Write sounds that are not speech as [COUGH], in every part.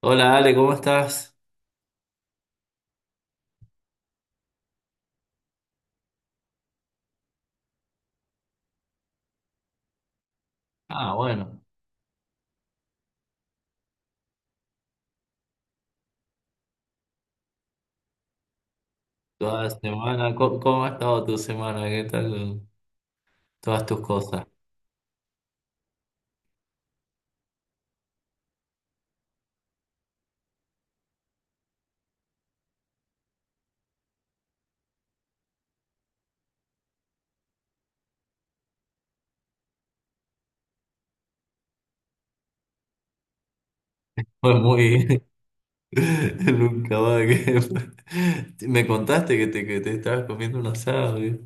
Hola Ale, ¿cómo estás? Ah, bueno, toda la semana. ¿Cómo ha estado tu semana? ¿Qué tal todas tus cosas? Fue muy... [LAUGHS] Nunca va que... [LAUGHS] Me contaste que te estabas comiendo un asado, ¿eh?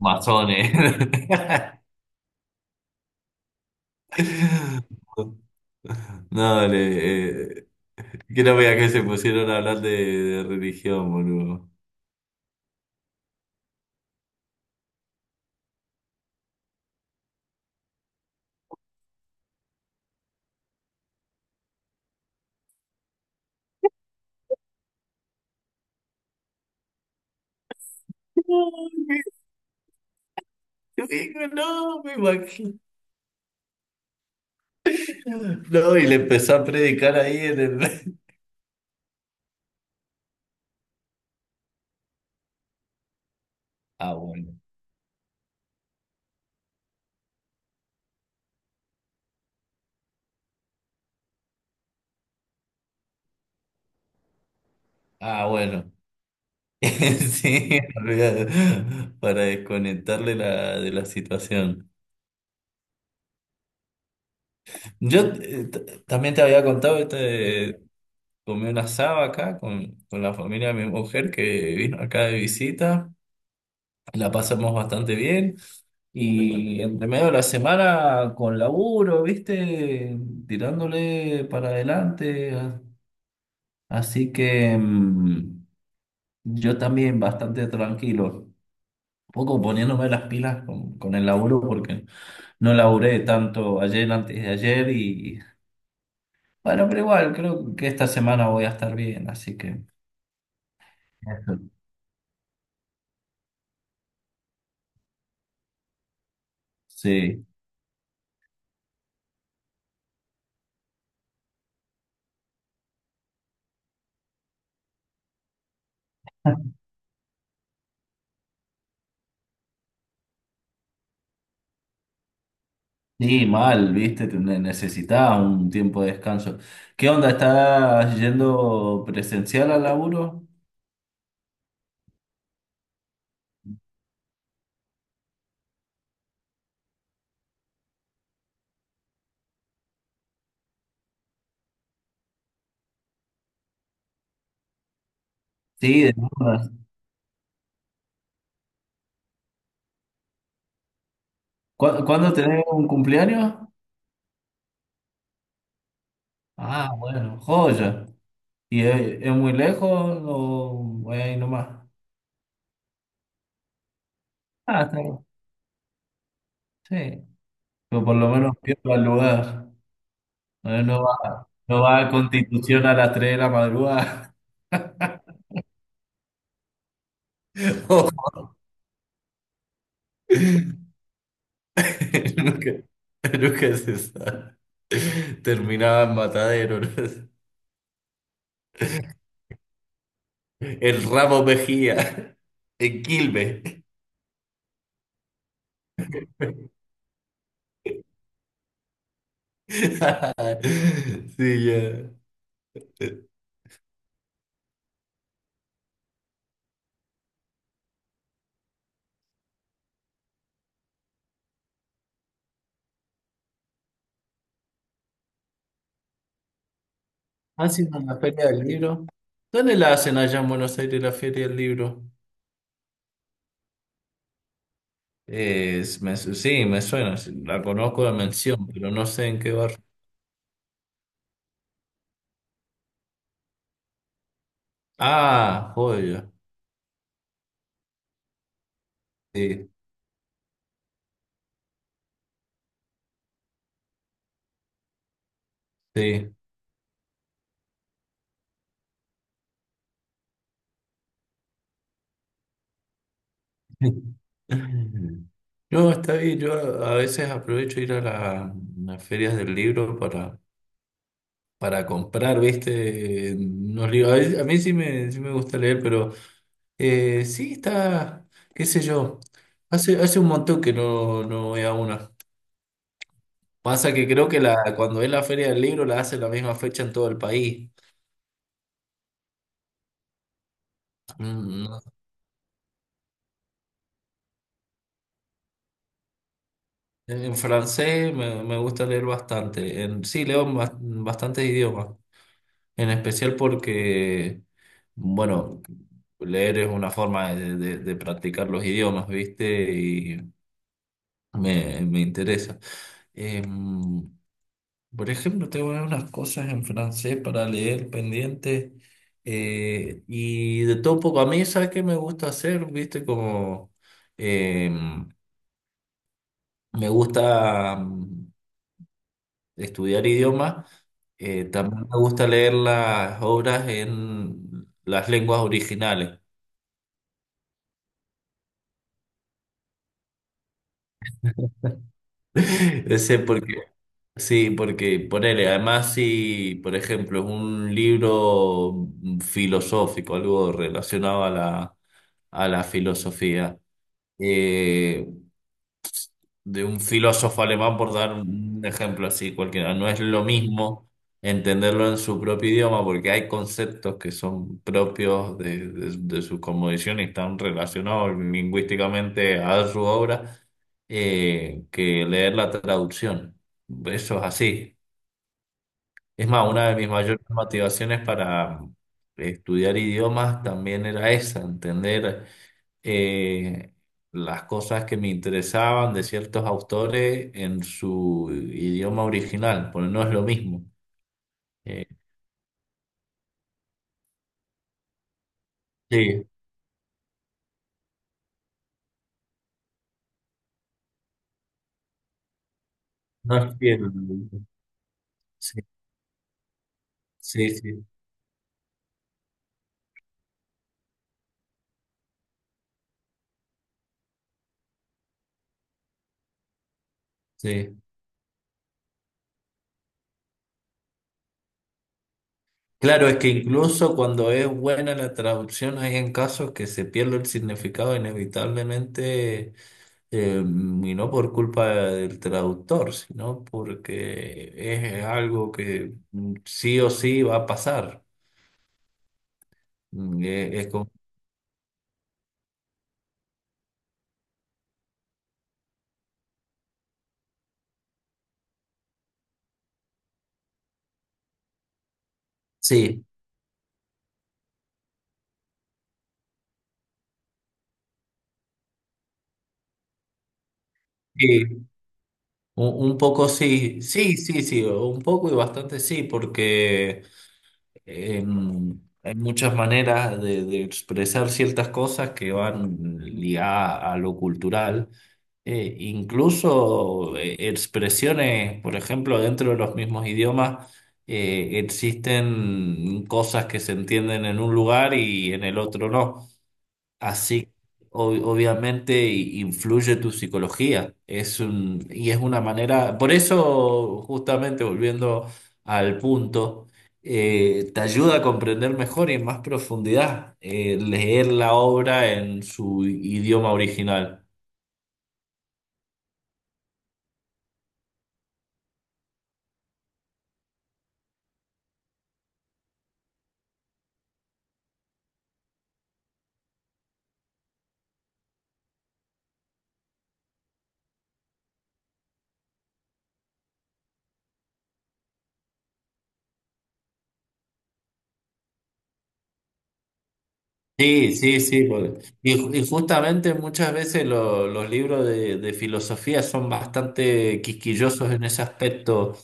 Masones. [LAUGHS] No, Ale, eh, que no veas que se pusieron a hablar de religión, boludo. No, qué digo, no, me imagino. No, y le empezó a predicar ahí en el... [LAUGHS] Ah, bueno. Ah, bueno. [LAUGHS] Sí, olvidado, para desconectarle de la situación. Yo también te había contado, comí una asado acá con la familia de mi mujer que vino acá de visita. La pasamos bastante bien. Y entre medio de la semana con laburo, ¿viste? Tirándole para adelante. Así que yo también bastante tranquilo. Poco poniéndome las pilas con el laburo porque no laburé tanto ayer antes de ayer y bueno, pero igual creo que esta semana voy a estar bien, así que eso. Sí, sí, mal, viste, necesitaba un tiempo de descanso. ¿Qué onda? ¿Estás yendo presencial al laburo? Sí, de todas. ¿Cuándo tenés un cumpleaños? Ah, bueno, joya. ¿Y es muy lejos o voy ahí nomás? Ah, está bien. Sí. Pero por lo menos pierda el lugar. No va, no va a Constitución a las tres de la madrugada. [LAUGHS] No. [LAUGHS] Nunca, nunca se sabe. Terminaba en Matadero, ¿no? El Ramo Mejía. En Quilmes. [LAUGHS] Sí, ya. Haciendo la Feria del Libro. ¿Dónde la hacen allá en Buenos Aires la Feria del Libro? Sí, me suena. Sí, la conozco de mención, pero no sé en qué barrio. Ah, joya. Sí, sí. [LAUGHS] No, está bien. Yo a veces aprovecho ir a las ferias del libro para comprar, ¿viste? Unos libros. A mí sí me gusta leer, pero sí está, qué sé yo. Hace un montón que no voy a una. Pasa que creo que cuando es la feria del libro la hace la misma fecha en todo el país. Mm, no. En francés me gusta leer bastante. En, sí, leo en bastantes idiomas. En especial porque, bueno, leer es una forma de practicar los idiomas, ¿viste? Y me interesa. Em, por ejemplo, tengo unas cosas en francés para leer pendientes. Y de todo un poco, a mí, ¿sabes qué me gusta hacer? ¿Viste? Como em, me gusta estudiar idiomas. También me gusta leer las obras en las lenguas originales. Yo sé porque, sí, porque ponele, además si, por ejemplo, es un libro filosófico, algo relacionado a a la filosofía, eh, de un filósofo alemán, por dar un ejemplo así cualquiera. No es lo mismo entenderlo en su propio idioma porque hay conceptos que son propios de su cosmovisión y están relacionados lingüísticamente a su obra, que leer la traducción. Eso es así. Es más, una de mis mayores motivaciones para estudiar idiomas también era esa, entender eh, las cosas que me interesaban de ciertos autores en su idioma original, porque no es lo mismo. Eh, sí, no es fiel. Sí, sí, sí, sí. Claro, es que incluso cuando es buena la traducción, hay en casos que se pierde el significado inevitablemente, eh, y no por culpa del traductor, sino porque es algo que sí o sí va a pasar. Es, como... Sí, sí, un poco sí, sí, sí, sí, un poco y bastante sí, porque hay muchas maneras de expresar ciertas cosas que van ligadas a lo cultural. Incluso expresiones, por ejemplo, dentro de los mismos idiomas, existen cosas que se entienden en un lugar y en el otro no. Así, obviamente influye tu psicología. Es un, y es una manera, por eso, justamente volviendo al punto, te ayuda a comprender mejor y en más profundidad, leer la obra en su idioma original. Sí, sí, sí, porque... Y, y justamente muchas veces los libros de filosofía son bastante quisquillosos en ese aspecto,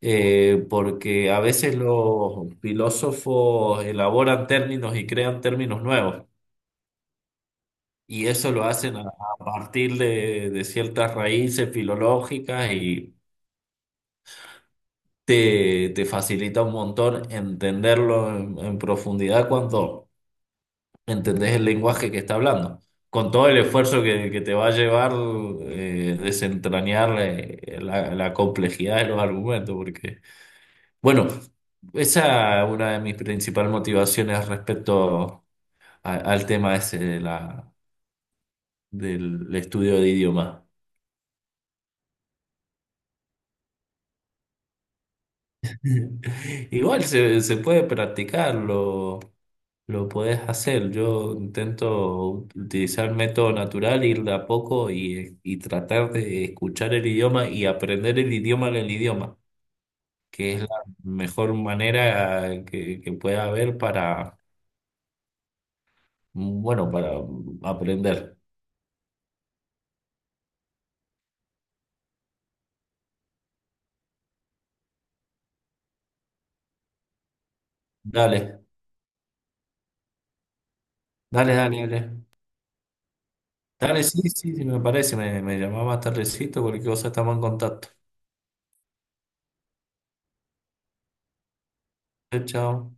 porque a veces los filósofos elaboran términos y crean términos nuevos, y eso lo hacen a partir de ciertas raíces filológicas y te facilita un montón entenderlo en profundidad cuando... entendés el lenguaje que está hablando, con todo el esfuerzo que te va a llevar desentrañar la complejidad de los argumentos, porque, bueno, esa es una de mis principales motivaciones respecto al tema ese de del estudio de idiomas. [LAUGHS] Igual se puede practicarlo. Lo puedes hacer. Yo intento utilizar método natural, ir de a poco y tratar de escuchar el idioma y aprender el idioma del idioma, que es la mejor manera que pueda haber para, bueno, para aprender. Dale, dale, dale, dale. Dale, sí, sí, sí, me parece. Me llamaba más tardecito, cualquier cosa estamos en contacto. Chao, chao.